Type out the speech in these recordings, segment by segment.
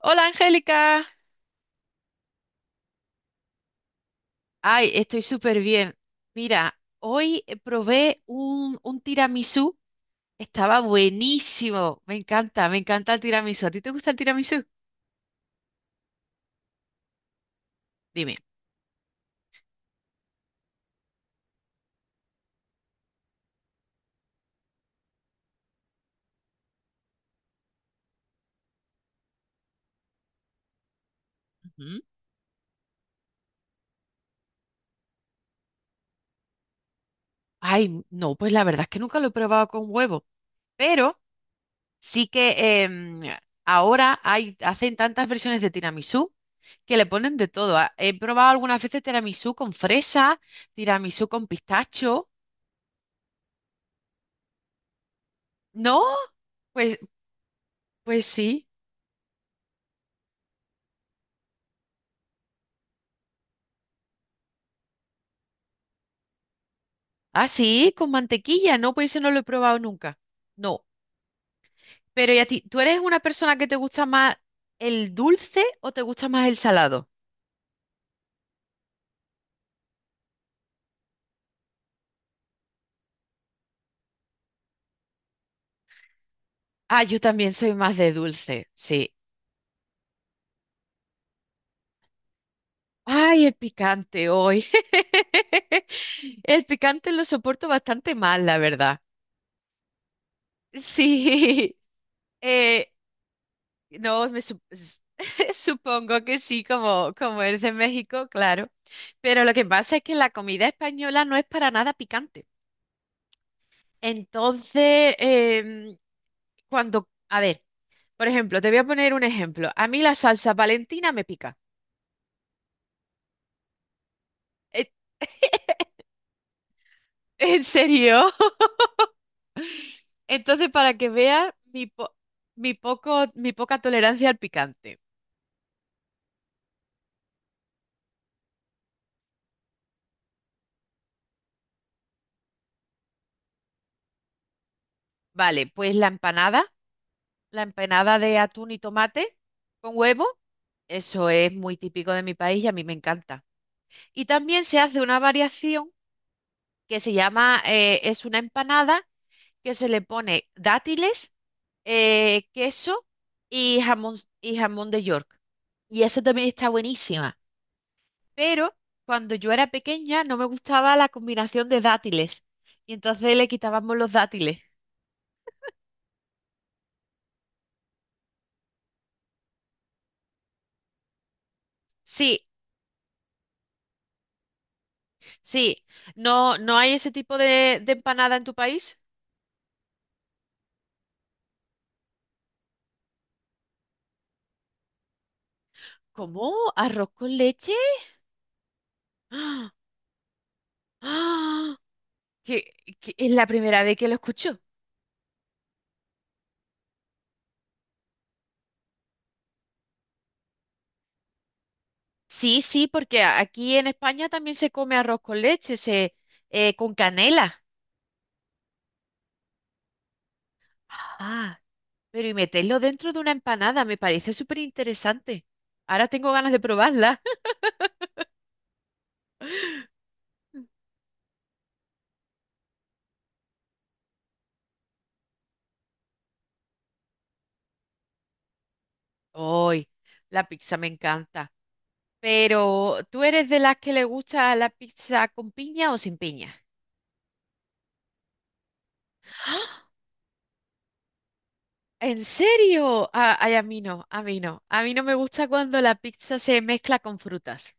Hola Angélica, ay, estoy súper bien. Mira, hoy probé un tiramisú, estaba buenísimo, me encanta el tiramisú. ¿A ti te gusta el tiramisú? Dime. Ujú. Ay, no, pues la verdad es que nunca lo he probado con huevo, pero sí que ahora hay, hacen tantas versiones de tiramisú que le ponen de todo. Ah, He probado algunas veces tiramisú con fresa, tiramisú con pistacho. ¿No? Pues, pues sí. Ah, sí, con mantequilla. No, pues ese no lo he probado nunca. No. Pero ¿y a ti? ¿Tú eres una persona que te gusta más el dulce o te gusta más el salado? Ah, yo también soy más de dulce, sí. Ay, el picante hoy. El picante lo soporto bastante mal, la verdad. Sí. Eh, no, supongo que sí, como, como eres de México, claro. Pero lo que pasa es que la comida española no es para nada picante. Entonces, cuando, a ver, por ejemplo, te voy a poner un ejemplo. A mí la salsa Valentina me pica. Eh, ¿En serio? Entonces, para que veas mi poco, mi poca tolerancia al picante. Vale, pues la empanada de atún y tomate con huevo, eso es muy típico de mi país y a mí me encanta. Y también se hace una variación que se llama, es una empanada que se le pone dátiles queso y jamón, y jamón de York. Y esa también está buenísima. Pero cuando yo era pequeña no me gustaba la combinación de dátiles. Y entonces le quitábamos los dátiles. Sí, sí. ¿No, no hay ese tipo de empanada en tu país? ¿Cómo? ¿Arroz con leche? ¡Ah! ¡Ah! Que, que es la primera vez que lo escucho. Sí, sí, porque aquí en España también se come arroz con leche, se, con canela. Ah, pero y meterlo dentro de una empanada, me parece súper interesante. Ahora tengo ganas de probarla. Hoy, la pizza me encanta. Pero, ¿tú eres de las que le gusta la pizza con piña o sin piña? ¿En serio? Ah, ay, a mí no, a mí no. A mí no me gusta cuando la pizza se mezcla con frutas.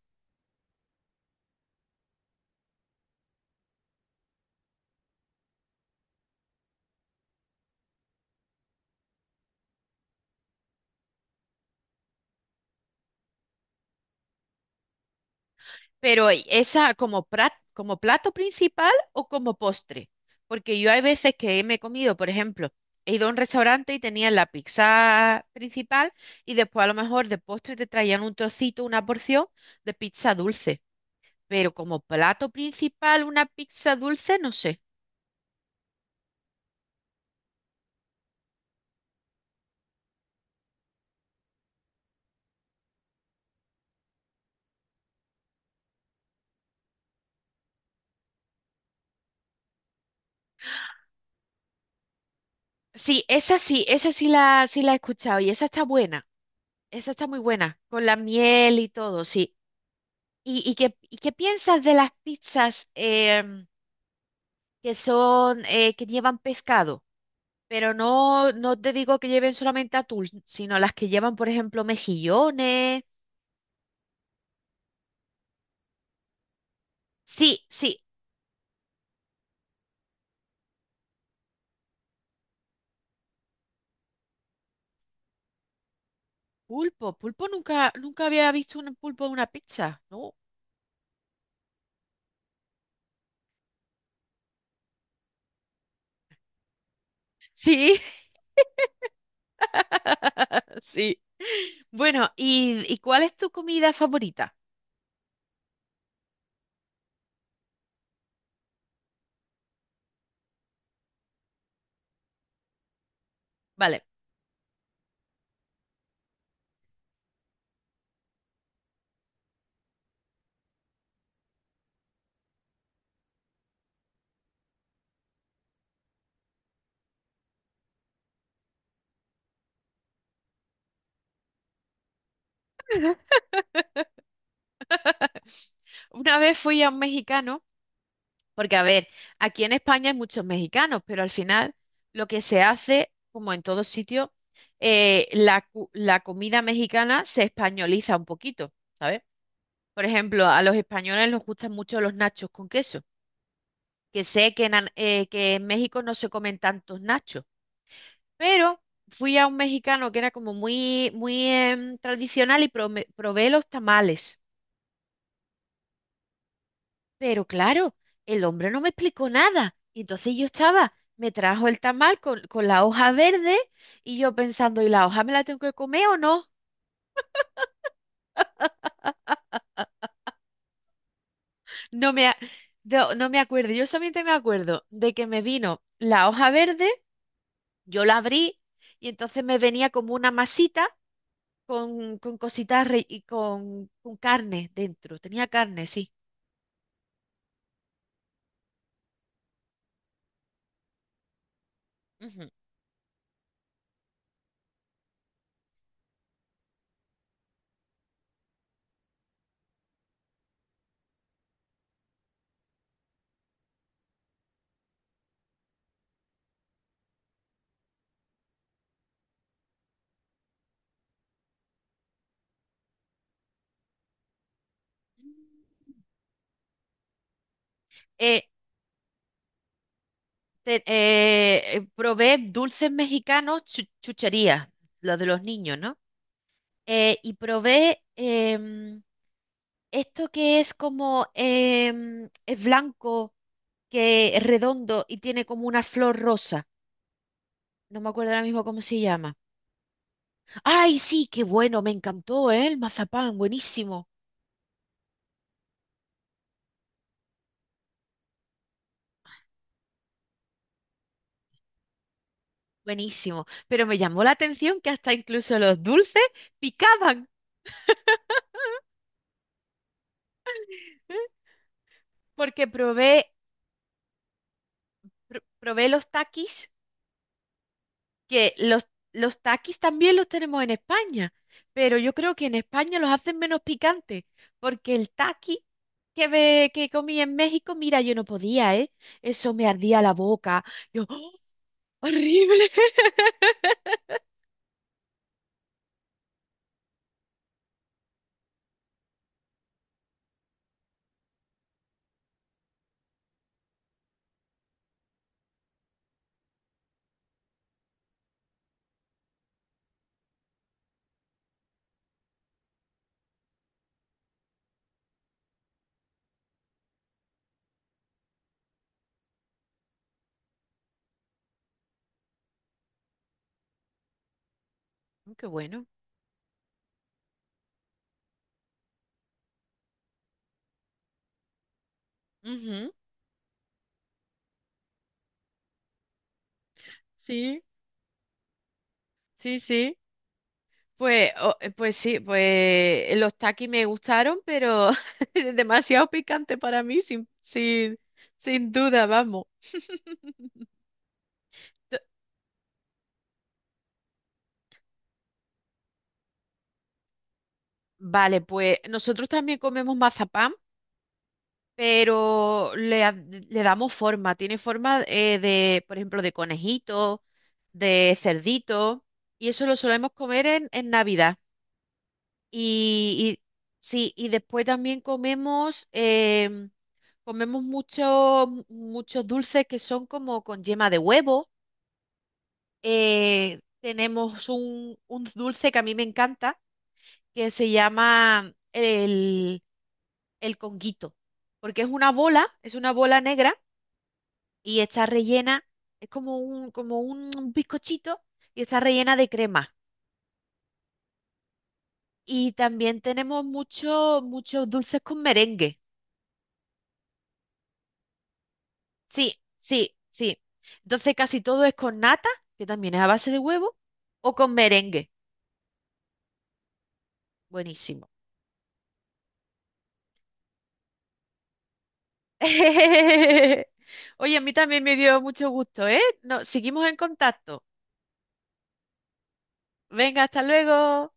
Pero esa como, como plato principal o como postre. Porque yo hay veces que me he comido, por ejemplo, he ido a un restaurante y tenía la pizza principal y después a lo mejor de postre te traían un trocito, una porción de pizza dulce. Pero como plato principal, una pizza dulce, no sé. Sí, esa sí, sí la he escuchado y esa está buena. Esa está muy buena, con la miel y todo, sí. ¿Y qué piensas de las pizzas? Que son, que llevan pescado, pero no, no te digo que lleven solamente atún, sino las que llevan, por ejemplo, mejillones. Sí, sí, pulpo. Pulpo nunca, nunca había visto un pulpo en una pizza, ¿no? Sí, sí. Bueno, ¿y cuál es tu comida favorita? Vale, una vez fui a un mexicano. Porque, a ver, aquí en España hay muchos mexicanos, pero al final lo que se hace, como en todo sitio, la comida mexicana se españoliza un poquito, ¿sabes? Por ejemplo, a los españoles nos gustan mucho los nachos con queso, que sé que que en México no se comen tantos nachos, pero fui a un mexicano que era como muy, muy tradicional y probé los tamales. Pero claro, el hombre no me explicó nada. Y entonces yo estaba, me trajo el tamal con la hoja verde y yo pensando, ¿y la hoja me la tengo que comer o no? No me, a- no, no me acuerdo. Yo solamente me acuerdo de que me vino la hoja verde, yo la abrí y entonces me venía como una masita con y con carne dentro. Tenía carne, sí. Ujú. Eh, probé dulces mexicanos, chucherías, los de los niños, ¿no? Y probé esto que es como es blanco, que es redondo y tiene como una flor rosa. No me acuerdo ahora mismo cómo se llama. ¡Ay, sí! ¡Qué bueno! Me encantó, ¿eh? El mazapán, buenísimo, buenísimo. Pero me llamó la atención que hasta incluso los dulces picaban, porque probé, probé los taquis que los taquis también los tenemos en España, pero yo creo que en España los hacen menos picantes, porque el taqui que comí en México, mira, yo no podía, ¿eh? Eso me ardía la boca. Yo, ¡oh! ¡Horrible! Qué bueno. Ujú, sí, sí, sí. Pues, pues sí, pues los taquis me gustaron, pero demasiado picante para mí, sin duda, vamos. Vale, pues nosotros también comemos mazapán, pero le damos forma. Tiene forma de, por ejemplo, de conejito, de cerdito, y eso lo solemos comer en Navidad. Y, y- sí, y después también comemos, comemos muchos dulces que son como con yema de huevo. Tenemos un dulce que a mí me encanta, que se llama el conguito, porque es una bola negra y está rellena, es como un bizcochito y está rellena de crema. Y también tenemos muchos muchos dulces con merengue. Sí, sí, sí. Entonces casi todo es con nata, que también es a base de huevo, o con merengue. Buenísimo. Oye, a mí también me dio mucho gusto, ¿eh? No, seguimos en contacto. Venga, hasta luego.